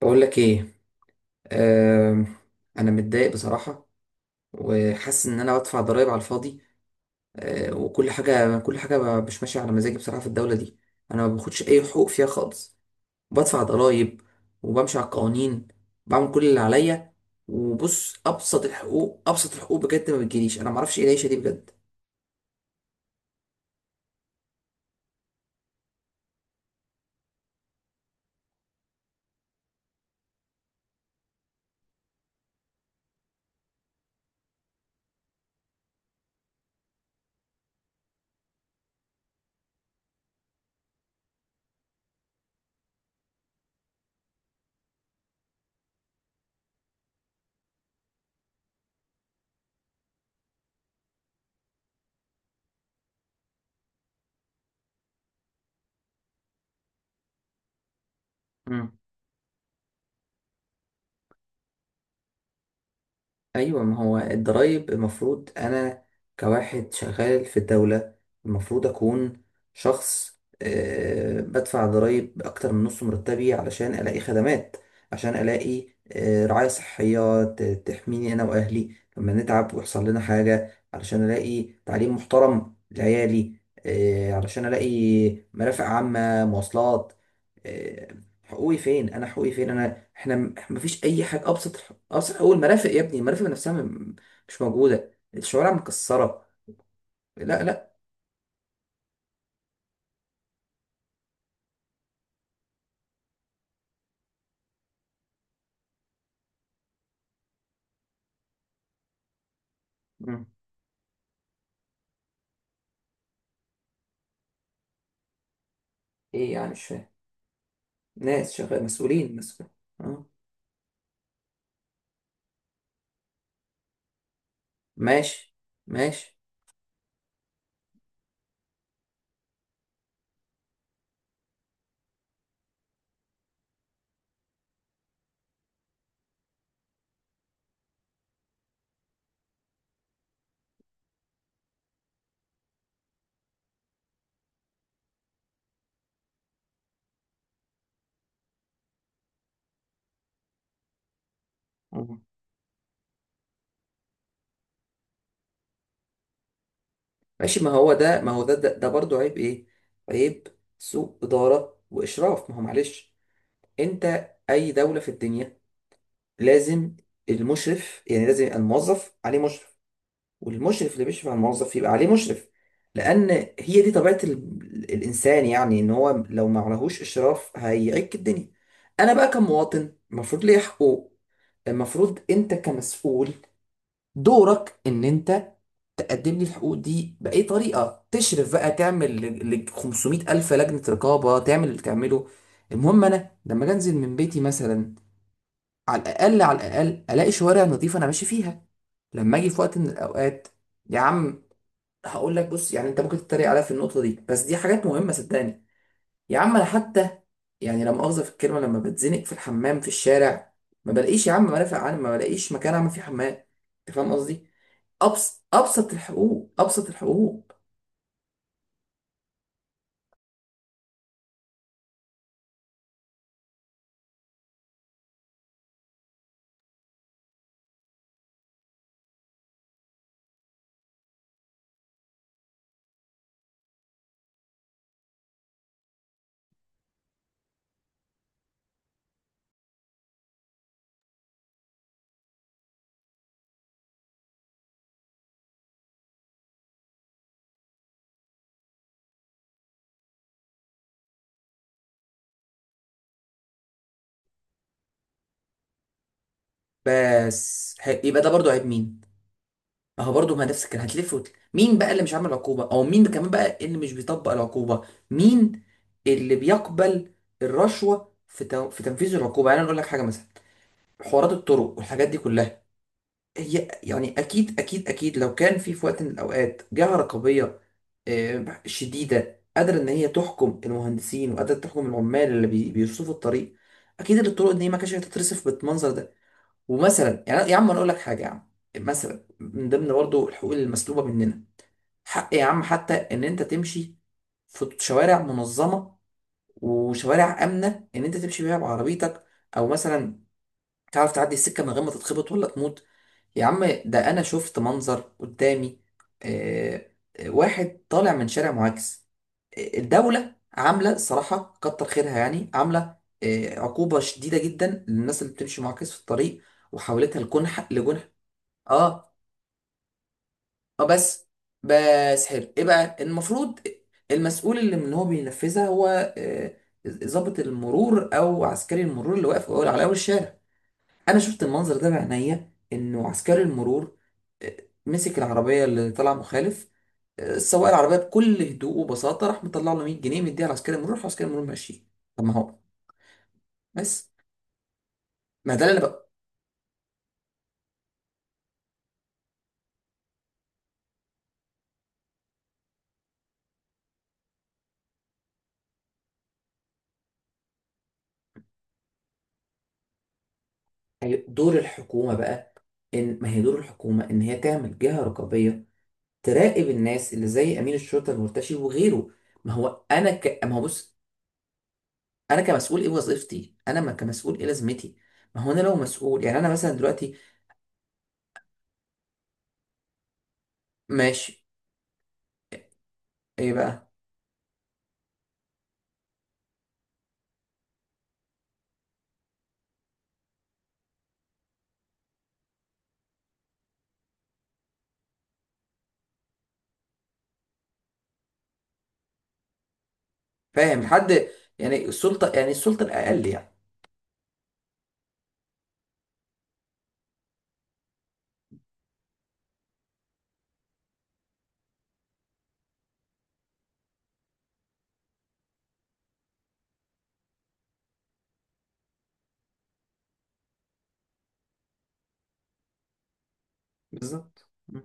بقول لك ايه. آم، انا متضايق بصراحه، وحاسس ان انا بدفع ضرائب على الفاضي. وكل حاجه مش ماشيه على مزاجي بصراحه في الدوله دي. انا ما باخدش اي حقوق فيها خالص، بدفع ضرائب، وبمشي على القوانين، بعمل كل اللي عليا. وبص، ابسط الحقوق بجد ما بتجيليش، انا ما اعرفش ايه العيشه دي بجد. ايوه، ما هو الضرايب المفروض انا كواحد شغال في الدولة المفروض اكون شخص بدفع ضرايب اكتر من نص مرتبي علشان الاقي خدمات، عشان الاقي رعاية صحية تحميني انا واهلي لما نتعب ويحصل لنا حاجة، علشان الاقي تعليم محترم لعيالي، علشان الاقي مرافق عامة، مواصلات، آه، حقوقي فين انا؟ حقوقي فين انا؟ احنا مفيش اي حاجه. ابسط اول مرافق يا ابني، المرافق نفسها مش موجوده، الشوارع مكسره. لا. مم. ايه يعني؟ مش فاهم. ناس شغال، مسؤول. اه. ماشي، ماشي. مم. ماشي، ما هو ده، ده برضه عيب، ايه عيب؟ سوء اداره واشراف. ما هو معلش انت، اي دوله في الدنيا لازم المشرف، يعني لازم الموظف عليه مشرف، والمشرف اللي بيشرف على الموظف يبقى عليه مشرف. لان هي دي طبيعه الانسان، يعني ان هو لو ما عليهوش اشراف هيعك الدنيا. انا بقى كمواطن المفروض ليا حقوق، المفروض انت كمسؤول دورك ان انت تقدم لي الحقوق دي باي طريقه. تشرف بقى، تعمل 500 الف لجنه رقابه، تعمل اللي تعمله. المهم انا لما أجي انزل من بيتي مثلا، على الاقل الاقي شوارع نظيفه انا ماشي فيها. لما اجي في وقت من الاوقات يا عم، هقول لك بص، يعني انت ممكن تتريق عليا في النقطه دي بس دي حاجات مهمه صدقني. يا عم انا حتى، يعني لا مؤاخذه في الكلمه، لما بتزنق في الحمام في الشارع ما بلاقيش يا عم مرافق عام، ما بلاقيش مكان اعمل فيه حمام. انت فاهم قصدي؟ ابسط، ابسط الحقوق. يبقى ده برضو عيب مين؟ ما هو برضو ما نفس الكلام، مين بقى اللي مش عامل عقوبه؟ او مين كمان بقى اللي مش بيطبق العقوبه؟ مين اللي بيقبل الرشوه في تنفيذ العقوبه؟ يعني انا اقول لك حاجه مثلا، حوارات الطرق والحاجات دي كلها، هي يعني اكيد لو كان في وقت من الاوقات جهه رقابيه شديده قادره ان هي تحكم المهندسين، وقادره تحكم العمال اللي بيرصفوا الطريق، اكيد ان الطرق دي ما كانتش هتترصف بالمنظر ده. ومثلا يعني يا عم، انا اقول لك حاجه يا عم، مثلا من ضمن برضه الحقوق المسلوبه مننا، حق يا عم حتى ان انت تمشي في شوارع منظمه، وشوارع امنه ان انت تمشي فيها بعربيتك، او مثلا تعرف تعدي السكه من غير ما تتخبط ولا تموت. يا عم ده انا شفت منظر قدامي، آه، واحد طالع من شارع معاكس. الدولة عاملة صراحة كتر خيرها، يعني عاملة عقوبة شديدة جدا للناس اللي بتمشي معاكس في الطريق، وحولتها لجنح، لجنح. اه، اه بس، بس حلو، ايه بقى المفروض؟ المسؤول اللي هو بينفذها هو آه، ضابط المرور او عسكري المرور اللي واقف على اول الشارع. انا شفت المنظر ده بعينيا، انه عسكري المرور آه، مسك العربيه اللي طلع مخالف، سواق العربيه بكل هدوء وبساطه راح مطلع له 100 جنيه، مديها لعسكري المرور، راح عسكري المرور ماشي. طب ما هو، بس، ما ده اللي انا بقى، أيوة، دور الحكومه بقى، ان ما هي دور الحكومه ان هي تعمل جهه رقابيه، تراقب الناس اللي زي امين الشرطه المرتشي وغيره. ما هو بص، انا كمسؤول ايه وظيفتي انا؟ ما كمسؤول ايه لازمتي؟ ما هو انا لو مسؤول، يعني انا مثلا دلوقتي، ماشي، ايه بقى؟ فاهم حد؟ يعني السلطه، الاقل يعني. بالظبط. مم.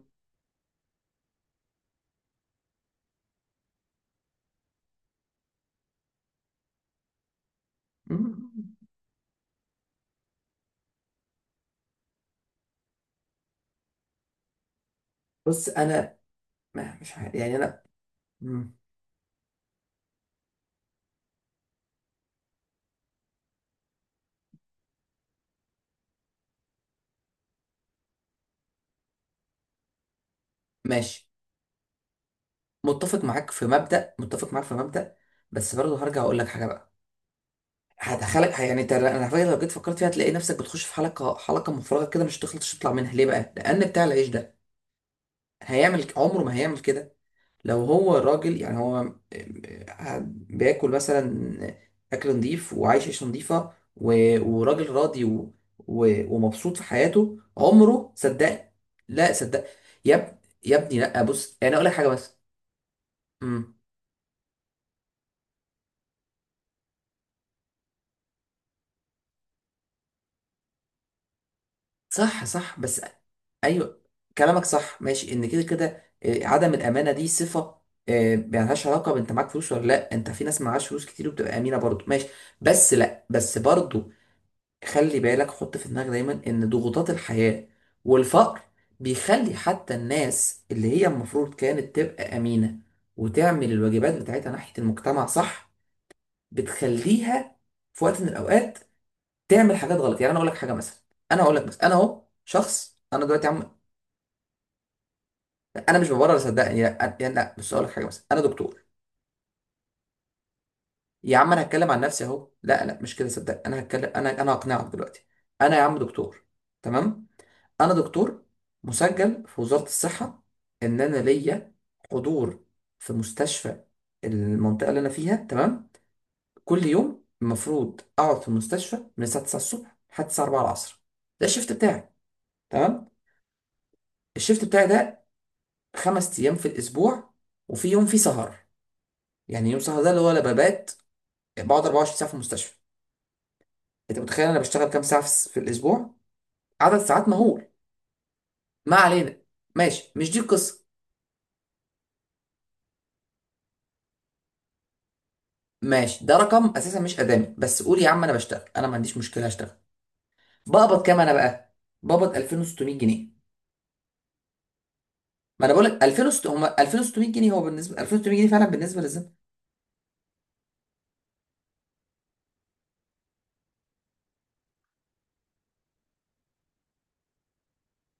مم. بص انا، ما مش عارف يعني انا. مم. ماشي، متفق معاك في مبدأ، بس برضه هرجع اقول لك حاجه بقى، هدخلك. يعني انت، انا على فكرة لو جيت فكرت فيها هتلاقي نفسك بتخش في حلقه، حلقه مفرغه كده مش تخلطش تطلع منها. ليه بقى؟ لان بتاع العيش ده هيعمل عمره ما هيعمل كده. لو هو راجل يعني، هو قاعد بياكل مثلا اكل نظيف، وعايش عيشه نظيفه، وراجل راضي ومبسوط في حياته، عمره صدق. لا، صدق. يا اب... يا ابني لا، بص انا اقول لك حاجه بس. امم صح، صح بس، ايوه كلامك صح، ماشي ان كده كده عدم الامانه دي صفه، يعني ملهاش علاقه بانت معاك فلوس ولا لا، انت في ناس معهاش فلوس كتير وبتبقى امينه برضه، ماشي. بس لا، بس برضه خلي بالك، حط في دماغك دايما ان ضغوطات الحياة والفقر بيخلي حتى الناس اللي هي المفروض كانت تبقى أمينة وتعمل الواجبات بتاعتها ناحية المجتمع صح، بتخليها في وقت من الأوقات تعمل حاجات غلط. يعني أنا أقول لك حاجة مثلا، أنا أقول لك مثلا أنا أهو شخص أنا دلوقتي عم. أنا مش ببرر صدقني، لا أنا- يعني لا بس أقول لك حاجة مثلا، أنا دكتور. يا عم انا هتكلم عن نفسي اهو، لا لا مش كده صدق، انا هتكلم، انا هقنعك دلوقتي. انا يا عم دكتور، تمام؟ انا دكتور مسجل في وزارة الصحة، ان انا ليا حضور في مستشفى المنطقة اللي انا فيها، تمام. كل يوم المفروض اقعد في المستشفى من الساعة 9 الصبح لحد الساعة 4 العصر. ده الشيفت بتاعي، تمام. الشيفت بتاعي ده خمس ايام في الاسبوع، وفي يوم فيه سهر، يعني يوم سهر ده اللي هو انا ببات، بقعد 24 ساعة في المستشفى. انت متخيل انا بشتغل كام ساعه في الاسبوع؟ عدد ساعات مهول. ما علينا، ماشي مش دي القصه. ماشي، ده رقم اساسا مش ادامي، بس قول يا عم انا بشتغل، انا ما عنديش مشكله اشتغل. بقبض كام انا بقى؟ بقبض 2600 جنيه. ما انا بقول لك 2600 هم، 2600 جنيه هو بالنسبه، 2600 جنيه فعلا بالنسبه للزمن.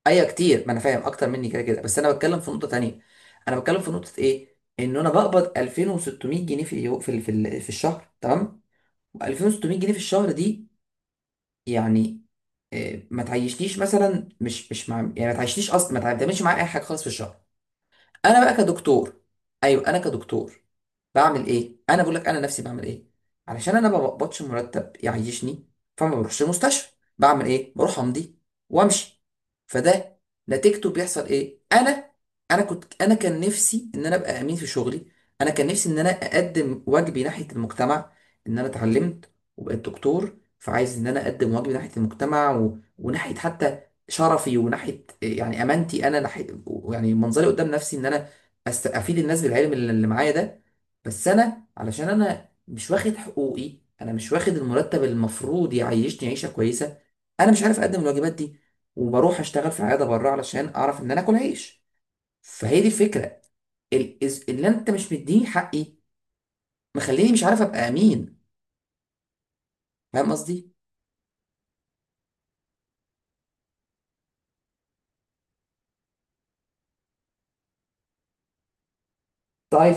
ايوه كتير، ما انا فاهم اكتر مني كده كده، بس انا بتكلم في نقطه تانية. انا بتكلم في نقطه ايه، ان انا بقبض 2600 جنيه في اليو... في ال... في, ال... في الشهر، تمام. و2600 جنيه في الشهر دي يعني ما تعيشنيش مثلا، مش مش مع يعني ما تعيشنيش اصلا، ما تعملش معايا اي حاجه خالص في الشهر. انا بقى كدكتور، ايوه انا كدكتور بعمل ايه؟ انا بقول لك انا نفسي بعمل ايه، علشان انا ما بقبضش مرتب يعيشني فما بروحش المستشفى. بعمل ايه؟ بروح امضي وامشي. فده نتيجته بيحصل ايه؟ انا كان نفسي ان انا ابقى امين في شغلي، انا كان نفسي ان انا اقدم واجبي ناحية المجتمع، ان انا اتعلمت وبقيت دكتور فعايز ان انا اقدم واجبي ناحية المجتمع وناحية حتى شرفي، وناحية يعني امانتي انا ناحية، يعني منظري قدام نفسي، ان انا افيد الناس بالعلم اللي معايا ده. بس انا علشان انا مش واخد حقوقي، انا مش واخد المرتب اللي المفروض يعيشني عيشه كويسه، انا مش عارف اقدم الواجبات دي، وبروح اشتغل في عياده بره علشان اعرف ان انا اكل عيش. فهي دي الفكره، اللي انت مش مديني حقي مخليني مش عارف ابقى امين. فاهم قصدي؟ طيب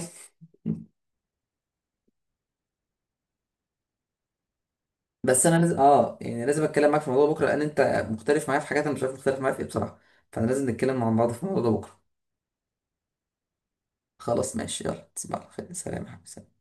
بس انا لازم، اه يعني لازم اتكلم معاك في الموضوع بكره، لان انت مختلف معايا في حاجات، انا مش عارف مختلف معايا في ايه بصراحه، فانا لازم نتكلم مع بعض في الموضوع ده بكره. خلاص ماشي، يلا تصبح على خير، سلام يا حبيبي.